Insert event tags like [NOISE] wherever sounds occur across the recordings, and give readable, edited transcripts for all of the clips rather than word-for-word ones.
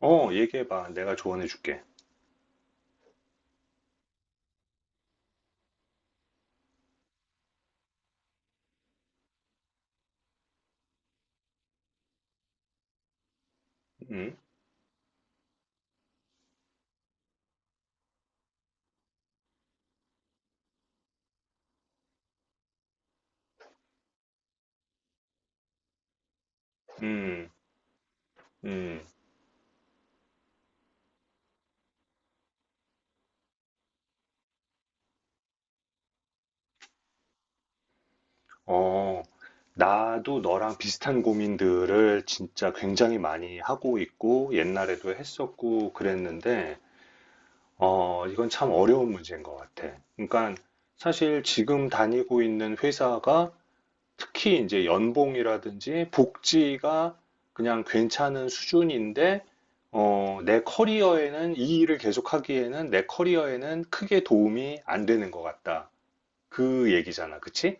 얘기해봐. 내가 조언해줄게. 음, 음, 음. 어, 나도 너랑 비슷한 고민들을 진짜 굉장히 많이 하고 있고, 옛날에도 했었고, 그랬는데, 이건 참 어려운 문제인 것 같아. 그러니까, 사실 지금 다니고 있는 회사가 특히 이제 연봉이라든지 복지가 그냥 괜찮은 수준인데, 내 커리어에는 이 일을 계속하기에는 내 커리어에는 크게 도움이 안 되는 것 같다. 그 얘기잖아. 그치?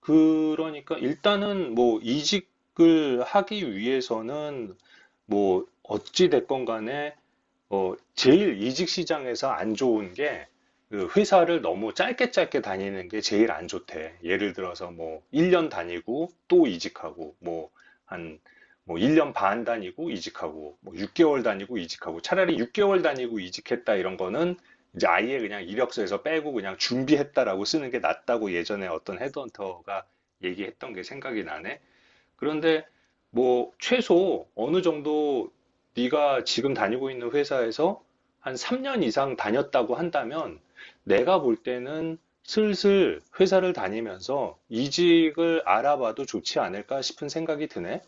그러니까 일단은 뭐 이직을 하기 위해서는 뭐 어찌 됐건 간에 제일 이직 시장에서 안 좋은 게, 그 회사를 너무 짧게 짧게 다니는 게 제일 안 좋대. 예를 들어서 뭐, 1년 다니고 또 이직하고, 뭐, 한, 뭐, 1년 반 다니고 이직하고, 뭐, 6개월 다니고 이직하고, 차라리 6개월 다니고 이직했다 이런 거는 이제 아예 그냥 이력서에서 빼고 그냥 준비했다라고 쓰는 게 낫다고 예전에 어떤 헤드헌터가 얘기했던 게 생각이 나네. 그런데 뭐 최소 어느 정도 네가 지금 다니고 있는 회사에서 한 3년 이상 다녔다고 한다면 내가 볼 때는 슬슬 회사를 다니면서 이직을 알아봐도 좋지 않을까 싶은 생각이 드네.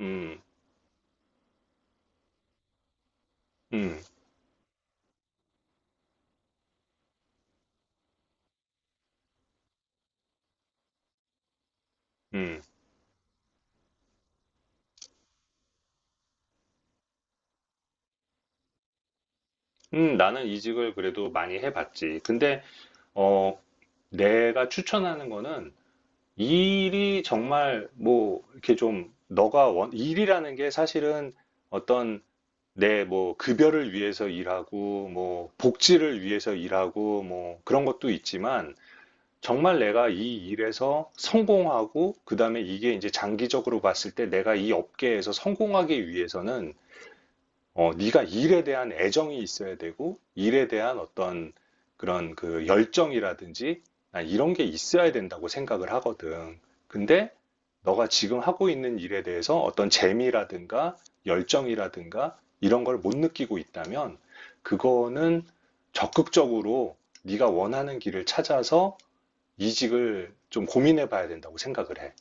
음, 음, 음. 나는 이직을 그래도 많이 해봤지. 근데 어, 내가 추천하는 거는 일이 정말 뭐 이렇게 좀 너가 원 일이라는 게 사실은 어떤 네, 뭐, 급여를 위해서 일하고, 뭐, 복지를 위해서 일하고, 뭐, 그런 것도 있지만, 정말 내가 이 일에서 성공하고, 그 다음에 이게 이제 장기적으로 봤을 때 내가 이 업계에서 성공하기 위해서는 네가 일에 대한 애정이 있어야 되고, 일에 대한 어떤 그런 그 열정이라든지, 난 이런 게 있어야 된다고 생각을 하거든. 근데 너가 지금 하고 있는 일에 대해서 어떤 재미라든가 열정이라든가 이런 걸 못 느끼고 있다면, 그거는 적극적으로 네가 원하는 길을 찾아서 이직을 좀 고민해 봐야 된다고 생각을 해.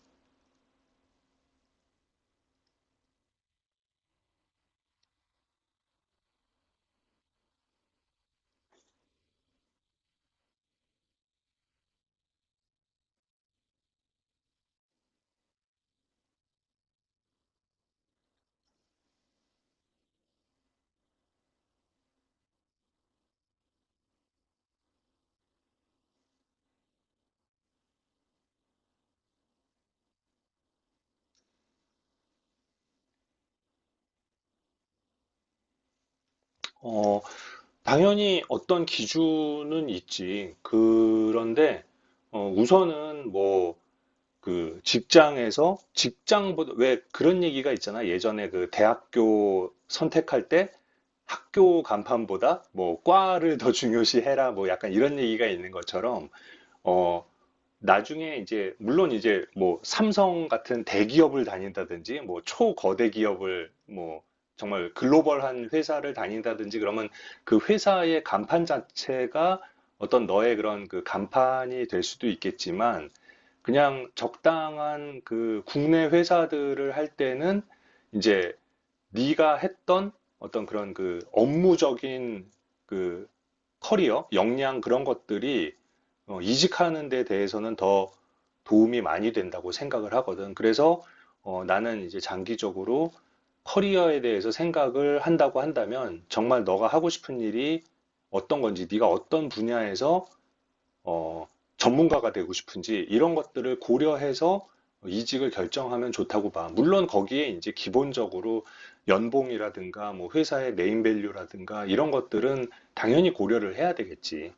어, 당연히 어떤 기준은 있지. 그런데 우선은 뭐 그 직장에서 직장보다 왜 그런 얘기가 있잖아. 예전에 그 대학교 선택할 때 학교 간판보다 뭐 과를 더 중요시해라 뭐 약간 이런 얘기가 있는 것처럼 어, 나중에 이제 물론 이제 뭐 삼성 같은 대기업을 다닌다든지 뭐 초거대 기업을 뭐 정말 글로벌한 회사를 다닌다든지 그러면 그 회사의 간판 자체가 어떤 너의 그런 그 간판이 될 수도 있겠지만 그냥 적당한 그 국내 회사들을 할 때는 이제 네가 했던 어떤 그런 그 업무적인 그 커리어, 역량 그런 것들이 이직하는 데 대해서는 더 도움이 많이 된다고 생각을 하거든. 그래서 나는 이제 장기적으로 커리어에 대해서 생각을 한다고 한다면 정말 너가 하고 싶은 일이 어떤 건지, 네가 어떤 분야에서 어, 전문가가 되고 싶은지 이런 것들을 고려해서 이직을 결정하면 좋다고 봐. 물론 거기에 이제 기본적으로 연봉이라든가 뭐 회사의 네임밸류라든가 이런 것들은 당연히 고려를 해야 되겠지.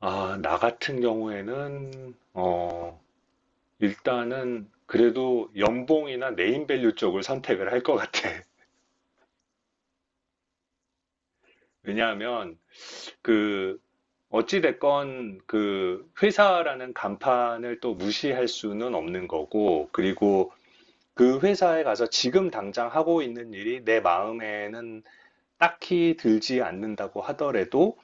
아, 나 같은 경우에는 일단은 그래도 연봉이나 네임밸류 쪽을 선택을 할 것 같아. [LAUGHS] 왜냐하면 그 어찌됐건 그 회사라는 간판을 또 무시할 수는 없는 거고, 그리고 그 회사에 가서 지금 당장 하고 있는 일이 내 마음에는 딱히 들지 않는다고 하더라도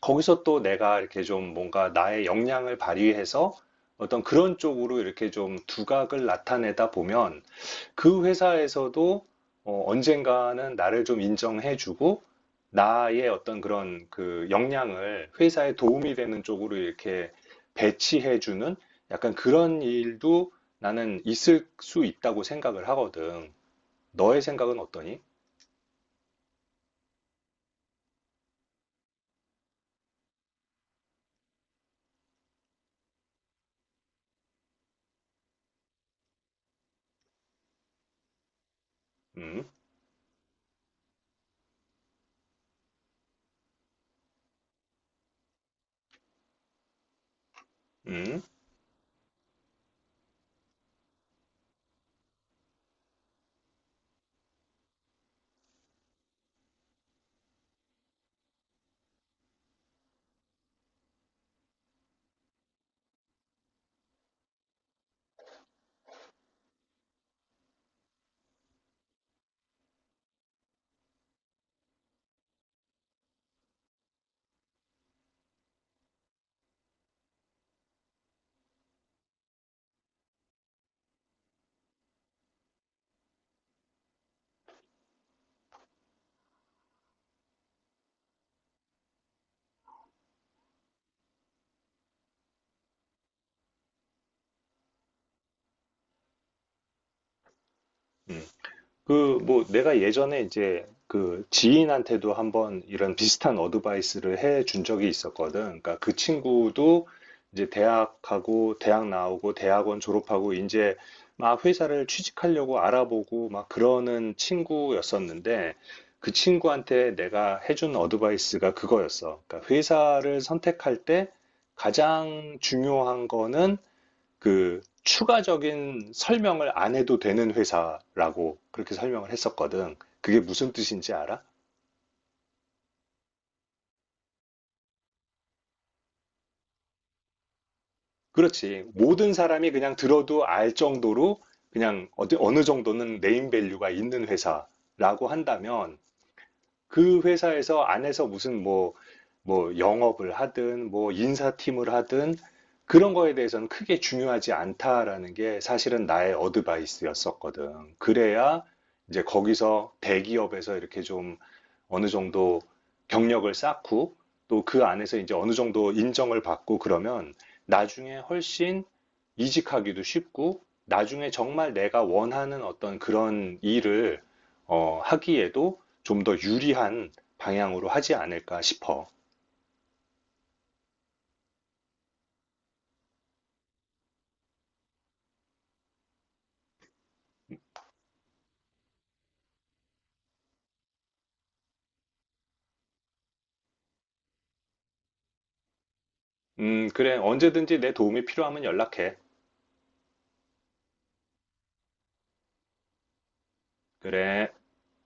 거기서 또 내가 이렇게 좀 뭔가 나의 역량을 발휘해서 어떤 그런 쪽으로 이렇게 좀 두각을 나타내다 보면 그 회사에서도 언젠가는 나를 좀 인정해주고 나의 어떤 그런 그 역량을 회사에 도움이 되는 쪽으로 이렇게 배치해주는 약간 그런 일도 나는 있을 수 있다고 생각을 하거든. 너의 생각은 어떠니? 음, 음, 음. 그, 뭐, 내가 예전에 이제 그 지인한테도 한번 이런 비슷한 어드바이스를 해 준 적이 있었거든. 그러니까 그 친구도 이제 대학하고, 대학 나오고, 대학원 졸업하고, 이제 막 회사를 취직하려고 알아보고 막 그러는 친구였었는데, 그 친구한테 내가 해준 어드바이스가 그거였어. 그러니까 회사를 선택할 때 가장 중요한 거는 그 추가적인 설명을 안 해도 되는 회사라고 그렇게 설명을 했었거든. 그게 무슨 뜻인지 알아? 그렇지. 모든 사람이 그냥 들어도 알 정도로 그냥 어느 정도는 네임 밸류가 있는 회사라고 한다면 그 회사에서 안에서 무슨 뭐, 뭐 영업을 하든 뭐 인사팀을 하든 그런 거에 대해서는 크게 중요하지 않다라는 게 사실은 나의 어드바이스였었거든. 그래야 이제 거기서 대기업에서 이렇게 좀 어느 정도 경력을 쌓고 또 그 안에서 이제 어느 정도 인정을 받고 그러면 나중에 훨씬 이직하기도 쉽고 나중에 정말 내가 원하는 어떤 그런 일을 하기에도 좀 더 유리한 방향으로 하지 않을까 싶어. 그래. 언제든지 내 도움이 필요하면 연락해. 그래.